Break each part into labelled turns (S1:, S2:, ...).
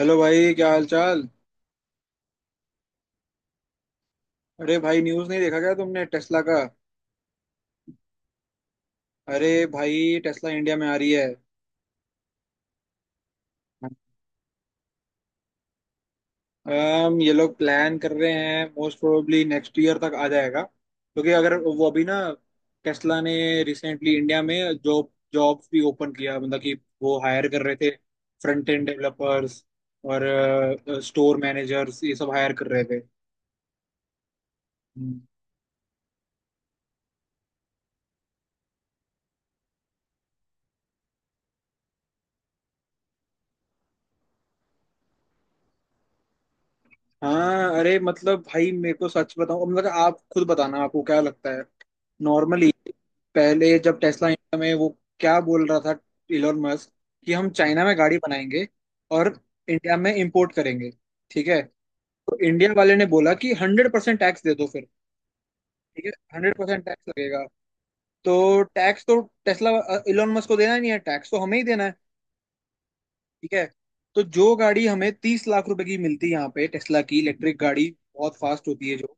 S1: Hello भाई, क्या हाल चाल। अरे भाई, न्यूज़ नहीं देखा क्या तुमने टेस्ला का? अरे भाई, टेस्ला इंडिया में आ रही है। ये लोग प्लान कर रहे हैं, मोस्ट प्रोबेबली नेक्स्ट ईयर तक आ जाएगा, क्योंकि अगर वो अभी ना, टेस्ला ने रिसेंटली इंडिया में जॉब्स भी ओपन किया, मतलब कि वो हायर कर रहे थे फ्रंट एंड डेवलपर्स और स्टोर मैनेजर्स, ये सब हायर कर रहे थे। हाँ अरे मतलब भाई, मेरे को सच बताऊं, मतलब आप खुद बताना, आपको क्या लगता है। नॉर्मली पहले जब टेस्ला इंडिया में, वो क्या बोल रहा था, इलोन मस्क, कि हम चाइना में गाड़ी बनाएंगे और इंडिया में इंपोर्ट करेंगे, ठीक है? तो इंडिया वाले ने बोला कि 100% टैक्स दे दो फिर। ठीक है, 100% टैक्स लगेगा, तो टैक्स तो टेस्ला, इलोन मस्क को देना ही नहीं है, टैक्स तो हमें ही देना है। ठीक है, तो जो गाड़ी हमें 30 लाख रुपए की मिलती है यहाँ पे, टेस्ला की इलेक्ट्रिक गाड़ी, बहुत फास्ट होती है जो,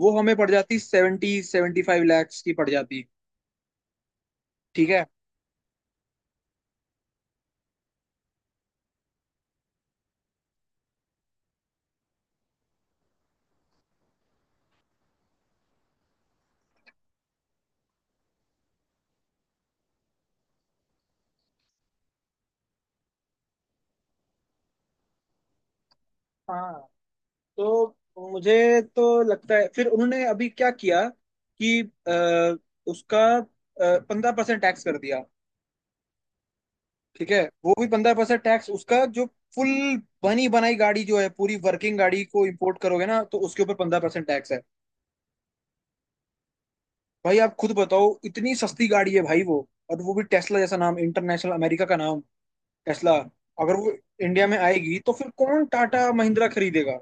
S1: वो हमें पड़ जाती 70-75 लाख की पड़ जाती। ठीक है? हाँ, तो मुझे तो लगता है फिर उन्होंने अभी क्या किया कि अ, उसका 15% टैक्स कर दिया। ठीक है, वो भी 15% टैक्स, उसका जो फुल बनी बनाई गाड़ी जो है, पूरी वर्किंग गाड़ी को इंपोर्ट करोगे ना, तो उसके ऊपर 15% टैक्स है। भाई, आप खुद बताओ, इतनी सस्ती गाड़ी है भाई वो, और वो भी टेस्ला जैसा नाम, इंटरनेशनल, अमेरिका का नाम। टेस्ला अगर वो इंडिया में आएगी, तो फिर कौन टाटा महिंद्रा खरीदेगा।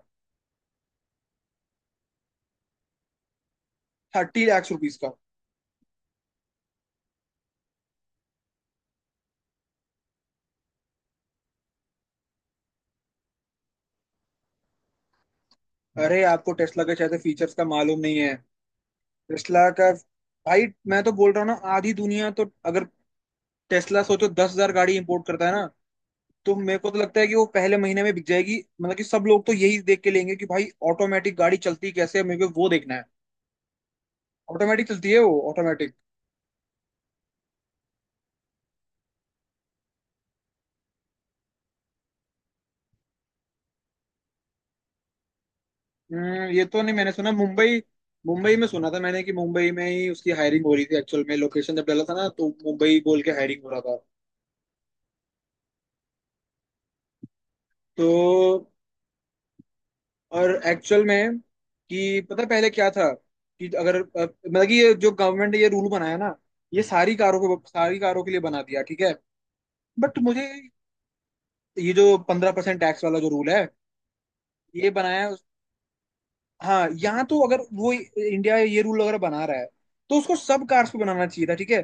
S1: 30 लाख रुपीज का। अरे, आपको टेस्ला के शायद फीचर्स का मालूम नहीं है। टेस्ला का, भाई मैं तो बोल रहा हूँ ना, आधी दुनिया तो, अगर टेस्ला सोचो 10 हज़ार गाड़ी इंपोर्ट करता है ना, तो मेरे को तो लगता है कि वो पहले महीने में बिक जाएगी, मतलब कि सब लोग तो यही देख के लेंगे कि भाई ऑटोमेटिक गाड़ी चलती कैसे है, मेरे को वो देखना है। ऑटोमेटिक चलती है वो, ऑटोमेटिक। ये तो नहीं, मैंने सुना मुंबई मुंबई में सुना था मैंने, कि मुंबई में ही उसकी हायरिंग हो रही थी। एक्चुअल में लोकेशन जब डाला था ना, तो मुंबई बोल के हायरिंग हो रहा था। तो और एक्चुअल में, कि पता है पहले क्या था, कि अगर मतलब कि ये जो गवर्नमेंट ने ये रूल बनाया ना, ये सारी कारों को, सारी कारों के लिए बना दिया, ठीक है। बट मुझे, ये जो 15% टैक्स वाला जो रूल है, ये बनाया उस-, हाँ, यहाँ तो अगर वो इंडिया ये रूल अगर बना रहा है, तो उसको सब कार्स पे बनाना चाहिए था, ठीक है?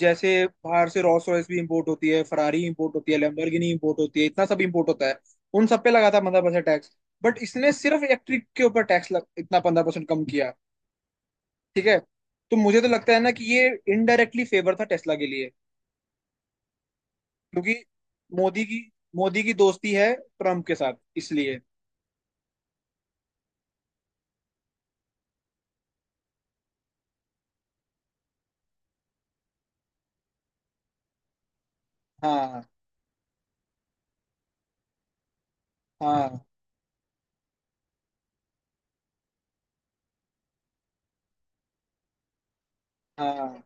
S1: जैसे बाहर से रोल्स रॉयस भी इंपोर्ट होती है, फरारी इंपोर्ट होती है, लैम्बोर्गिनी इंपोर्ट होती है, इतना सब इंपोर्ट होता है। उन सब पे लगा था 15% टैक्स, बट इसने सिर्फ इलेक्ट्रिक के ऊपर इतना 15% कम किया। ठीक है, तो मुझे तो लगता है ना कि ये इनडायरेक्टली फेवर था टेस्ला के लिए, क्योंकि मोदी की मोदी की दोस्ती है ट्रम्प के साथ, इसलिए। हाँ हाँ हाँ,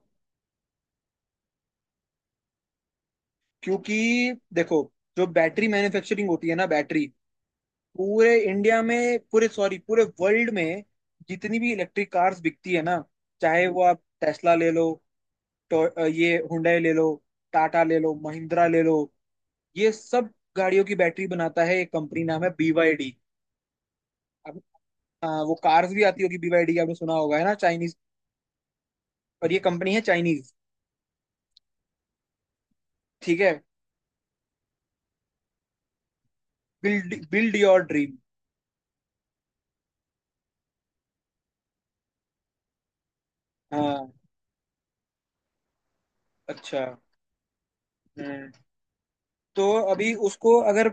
S1: क्योंकि देखो, जो बैटरी मैन्युफैक्चरिंग होती है ना बैटरी, पूरे इंडिया में, पूरे सॉरी पूरे वर्ल्ड में, जितनी भी इलेक्ट्रिक कार्स बिकती है ना, चाहे वो आप टेस्ला ले लो, तो ये हुंडई ले लो, टाटा ले लो, महिंद्रा ले लो, ये सब गाड़ियों की बैटरी बनाता है, एक कंपनी नाम है BYD। अब हाँ, वो कार्स भी आती होगी बीवाईडी की, आपने सुना होगा, है ना, चाइनीज। और ये कंपनी है चाइनीज। ठीक है, बिल्ड बिल्ड योर ड्रीम। हाँ, अच्छा। हम्म, तो अभी उसको अगर,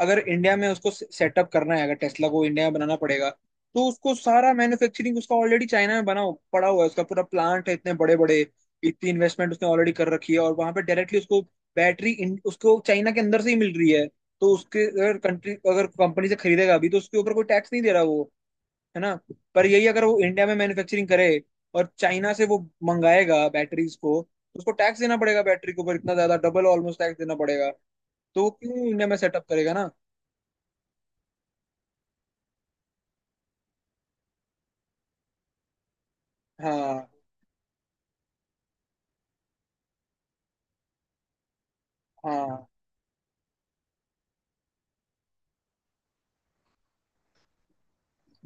S1: अगर इंडिया में उसको सेटअप करना है, अगर टेस्ला को इंडिया में बनाना पड़ेगा, तो उसको सारा मैन्युफैक्चरिंग, उसका ऑलरेडी चाइना में पड़ा हुआ है, उसका पूरा प्लांट है, इतने बड़े बड़े, इतनी इन्वेस्टमेंट उसने ऑलरेडी कर रखी है, और वहां पे डायरेक्टली उसको बैटरी, उसको चाइना के अंदर से ही मिल रही है। तो उसके अगर कंट्री, अगर कंपनी से खरीदेगा अभी, तो उसके ऊपर कोई टैक्स नहीं दे रहा वो, है ना। पर यही अगर वो इंडिया में मैन्युफैक्चरिंग करे और चाइना से वो मंगाएगा बैटरीज को, तो उसको टैक्स देना पड़ेगा, बैटरी के ऊपर इतना ज्यादा डबल ऑलमोस्ट टैक्स देना पड़ेगा। तो वो क्यों इंडिया में सेटअप करेगा ना। हाँ हाँ,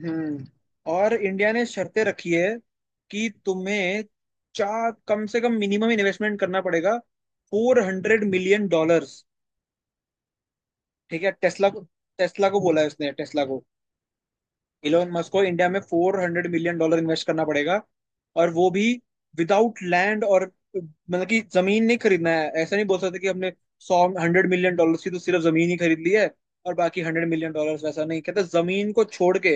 S1: हम्म। और इंडिया ने शर्तें रखी है कि तुम्हें, चार कम से कम, मिनिमम इन्वेस्टमेंट करना पड़ेगा $400 million। ठीक है, टेस्ला को, टेस्ला को बोला है उसने, टेस्ला को, इलोन मस्क को, इंडिया में $400 million इन्वेस्ट करना पड़ेगा, और वो भी विदाउट लैंड। और मतलब कि जमीन नहीं खरीदना है, ऐसा नहीं बोल सकते कि हमने $100 million की तो सिर्फ जमीन ही खरीद ली है, और बाकी $100 million, वैसा नहीं कहते। जमीन को छोड़ के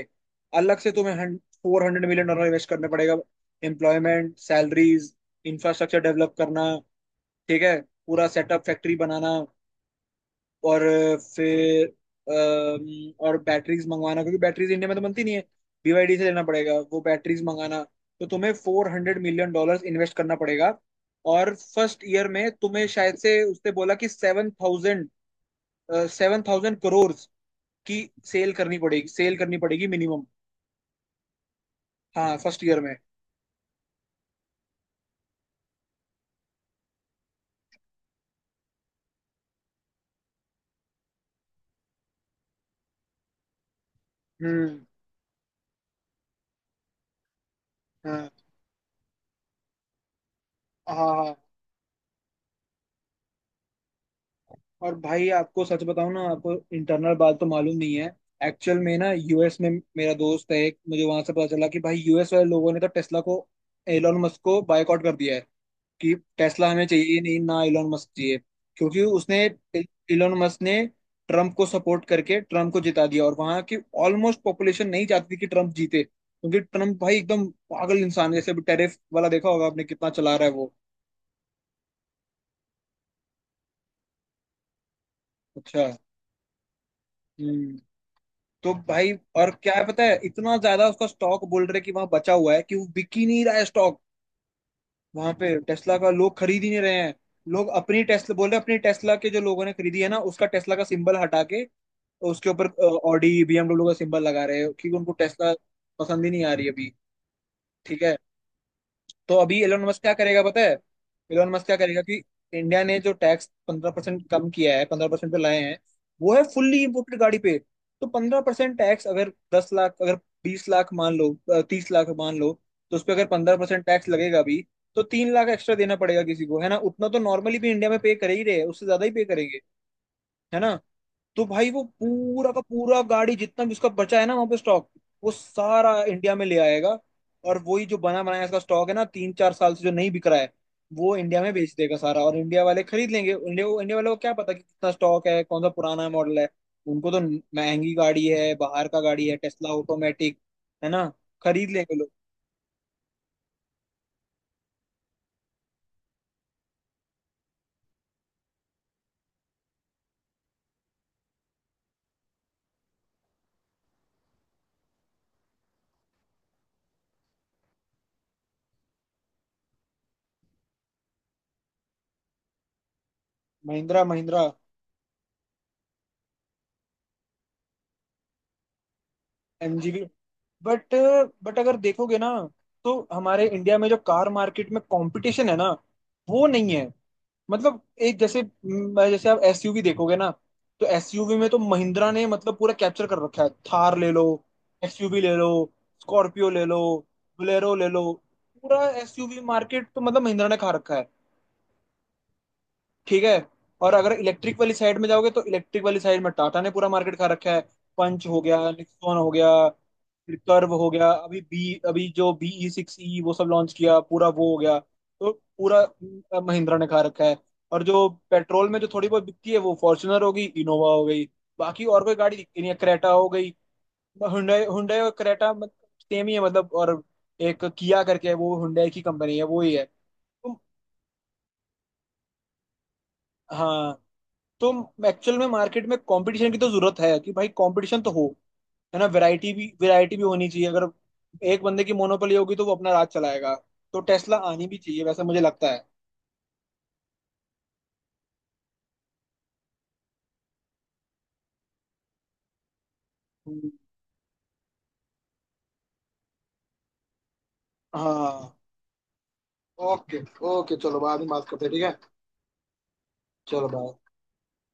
S1: अलग से तुम्हें $400 million इन्वेस्ट करने पड़ेगा, एम्प्लॉयमेंट सैलरीज, इंफ्रास्ट्रक्चर डेवलप करना, ठीक है, पूरा सेटअप, फैक्ट्री बनाना, और फिर और बैटरीज मंगवाना, क्योंकि बैटरीज इंडिया में तो बनती नहीं है, बीवाईडी से लेना पड़ेगा वो, बैटरीज मंगाना। तो तुम्हें $400 million इन्वेस्ट करना पड़ेगा, और फर्स्ट ईयर में तुम्हें शायद से उसने बोला कि सेवन थाउजेंड करोड़ की सेल करनी पड़ेगी, सेल करनी पड़ेगी मिनिमम। हाँ, फर्स्ट ईयर में। हम्म, हाँ हाँ हाँ। और भाई, आपको सच बताऊं ना, आपको इंटरनल बात तो मालूम नहीं है। एक्चुअल में ना, यूएस में मेरा दोस्त है एक, मुझे वहां से पता चला कि भाई, यूएस वाले लोगों ने तो टेस्ला को, एलोन मस्क को बायकॉट कर दिया है, कि टेस्ला हमें चाहिए ही नहीं, ना एलोन मस्क चाहिए। क्योंकि उसने, एलोन मस्क ने ट्रम्प को सपोर्ट करके ट्रम्प को जिता दिया, और वहां की ऑलमोस्ट पॉपुलेशन नहीं चाहती थी कि ट्रम्प जीते, क्योंकि ट्रम्प भाई एकदम पागल इंसान है, जैसे टेरिफ वाला देखा होगा आपने, कितना चला रहा है वो। अच्छा, हम्म। तो भाई और क्या है पता है, इतना ज्यादा उसका स्टॉक बोल रहे कि वहां बचा हुआ है, कि वो बिक ही नहीं रहा है स्टॉक। वहां पे टेस्ला का लोग खरीद ही नहीं रहे हैं। लोग अपनी टेस्ला बोल रहे हैं, अपनी टेस्ला के जो लोगों ने खरीदी है ना, उसका टेस्ला का सिंबल हटा के उसके ऊपर ऑडी बीएमडब्ल्यू का सिंबल लगा रहे हैं, क्योंकि उनको टेस्ला पसंद ही नहीं आ रही अभी। ठीक है, तो अभी एलोन मस्क क्या करेगा पता है, एलोन मस्क क्या करेगा कि, इंडिया ने जो टैक्स 15% कम किया है, 15% पे लाए हैं, वो है फुल्ली इम्पोर्टेड गाड़ी पे। तो 15% टैक्स अगर, 10 लाख अगर, 20 लाख मान लो, 30 लाख मान लो, तो उस पर अगर 15% टैक्स लगेगा भी, तो 3 लाख एक्स्ट्रा देना पड़ेगा किसी को, है ना। उतना तो नॉर्मली भी इंडिया में पे कर ही रहे हैं, उससे ज्यादा ही पे करेंगे, है ना। तो भाई वो पूरा का पूरा गाड़ी जितना भी उसका बचा है ना वहां पे स्टॉक, वो सारा इंडिया में ले आएगा। और वही जो बना बनाया इसका स्टॉक है ना, तीन चार साल से जो नहीं बिक रहा है, वो इंडिया में बेच देगा सारा, और इंडिया वाले खरीद लेंगे। इंडिया इंडिया वाले को क्या पता कि कितना स्टॉक है, कौन सा पुराना मॉडल है। उनको तो महंगी गाड़ी है, बाहर का गाड़ी है टेस्ला, ऑटोमेटिक, है ना, खरीद लेंगे लोग। महिंद्रा, महिंद्रा एमजी भी। बट बट अगर देखोगे ना, तो हमारे इंडिया में जो कार मार्केट में कंपटीशन है ना, वो नहीं है। मतलब एक, जैसे जैसे आप एसयूवी देखोगे ना, तो एसयूवी में तो महिंद्रा ने मतलब पूरा कैप्चर कर रखा है, थार ले लो, एक्सयूवी ले लो, स्कॉर्पियो ले लो, बोलेरो ले लो, पूरा एसयूवी मार्केट तो मतलब महिंद्रा ने खा रखा है, ठीक है। और अगर इलेक्ट्रिक वाली साइड में जाओगे, तो इलेक्ट्रिक वाली साइड में टाटा ने पूरा मार्केट खा रखा है। पंच हो गया, निक्सॉन हो गया, फिर कर्व हो गया, अभी बी, अभी जो BE6e, वो सब लॉन्च किया पूरा वो हो गया, तो पूरा महिंद्रा ने खा रखा है। और जो पेट्रोल में जो थोड़ी बहुत बिकती है, वो फॉर्च्यूनर हो गई, इनोवा हो गई, बाकी और कोई गाड़ी दिखती नहीं है, क्रेटा हो गई। हुंडई, हुंडई और क्रेटा सेम ही है मतलब। और एक किया करके है, वो हुंडई की कंपनी है, वो ही है। तो, हाँ, तो एक्चुअल में मार्केट में कंपटीशन की तो जरूरत है, कि भाई कंपटीशन तो हो, है ना। वैरायटी भी होनी चाहिए। अगर एक बंदे की मोनोपोली होगी, तो वो अपना राज चलाएगा। तो टेस्ला आनी भी चाहिए, वैसा मुझे लगता है। हम्म। हाँ, ओके। ओके, चलो बाद में बात करते हैं, ठीक है। चलो, बाय।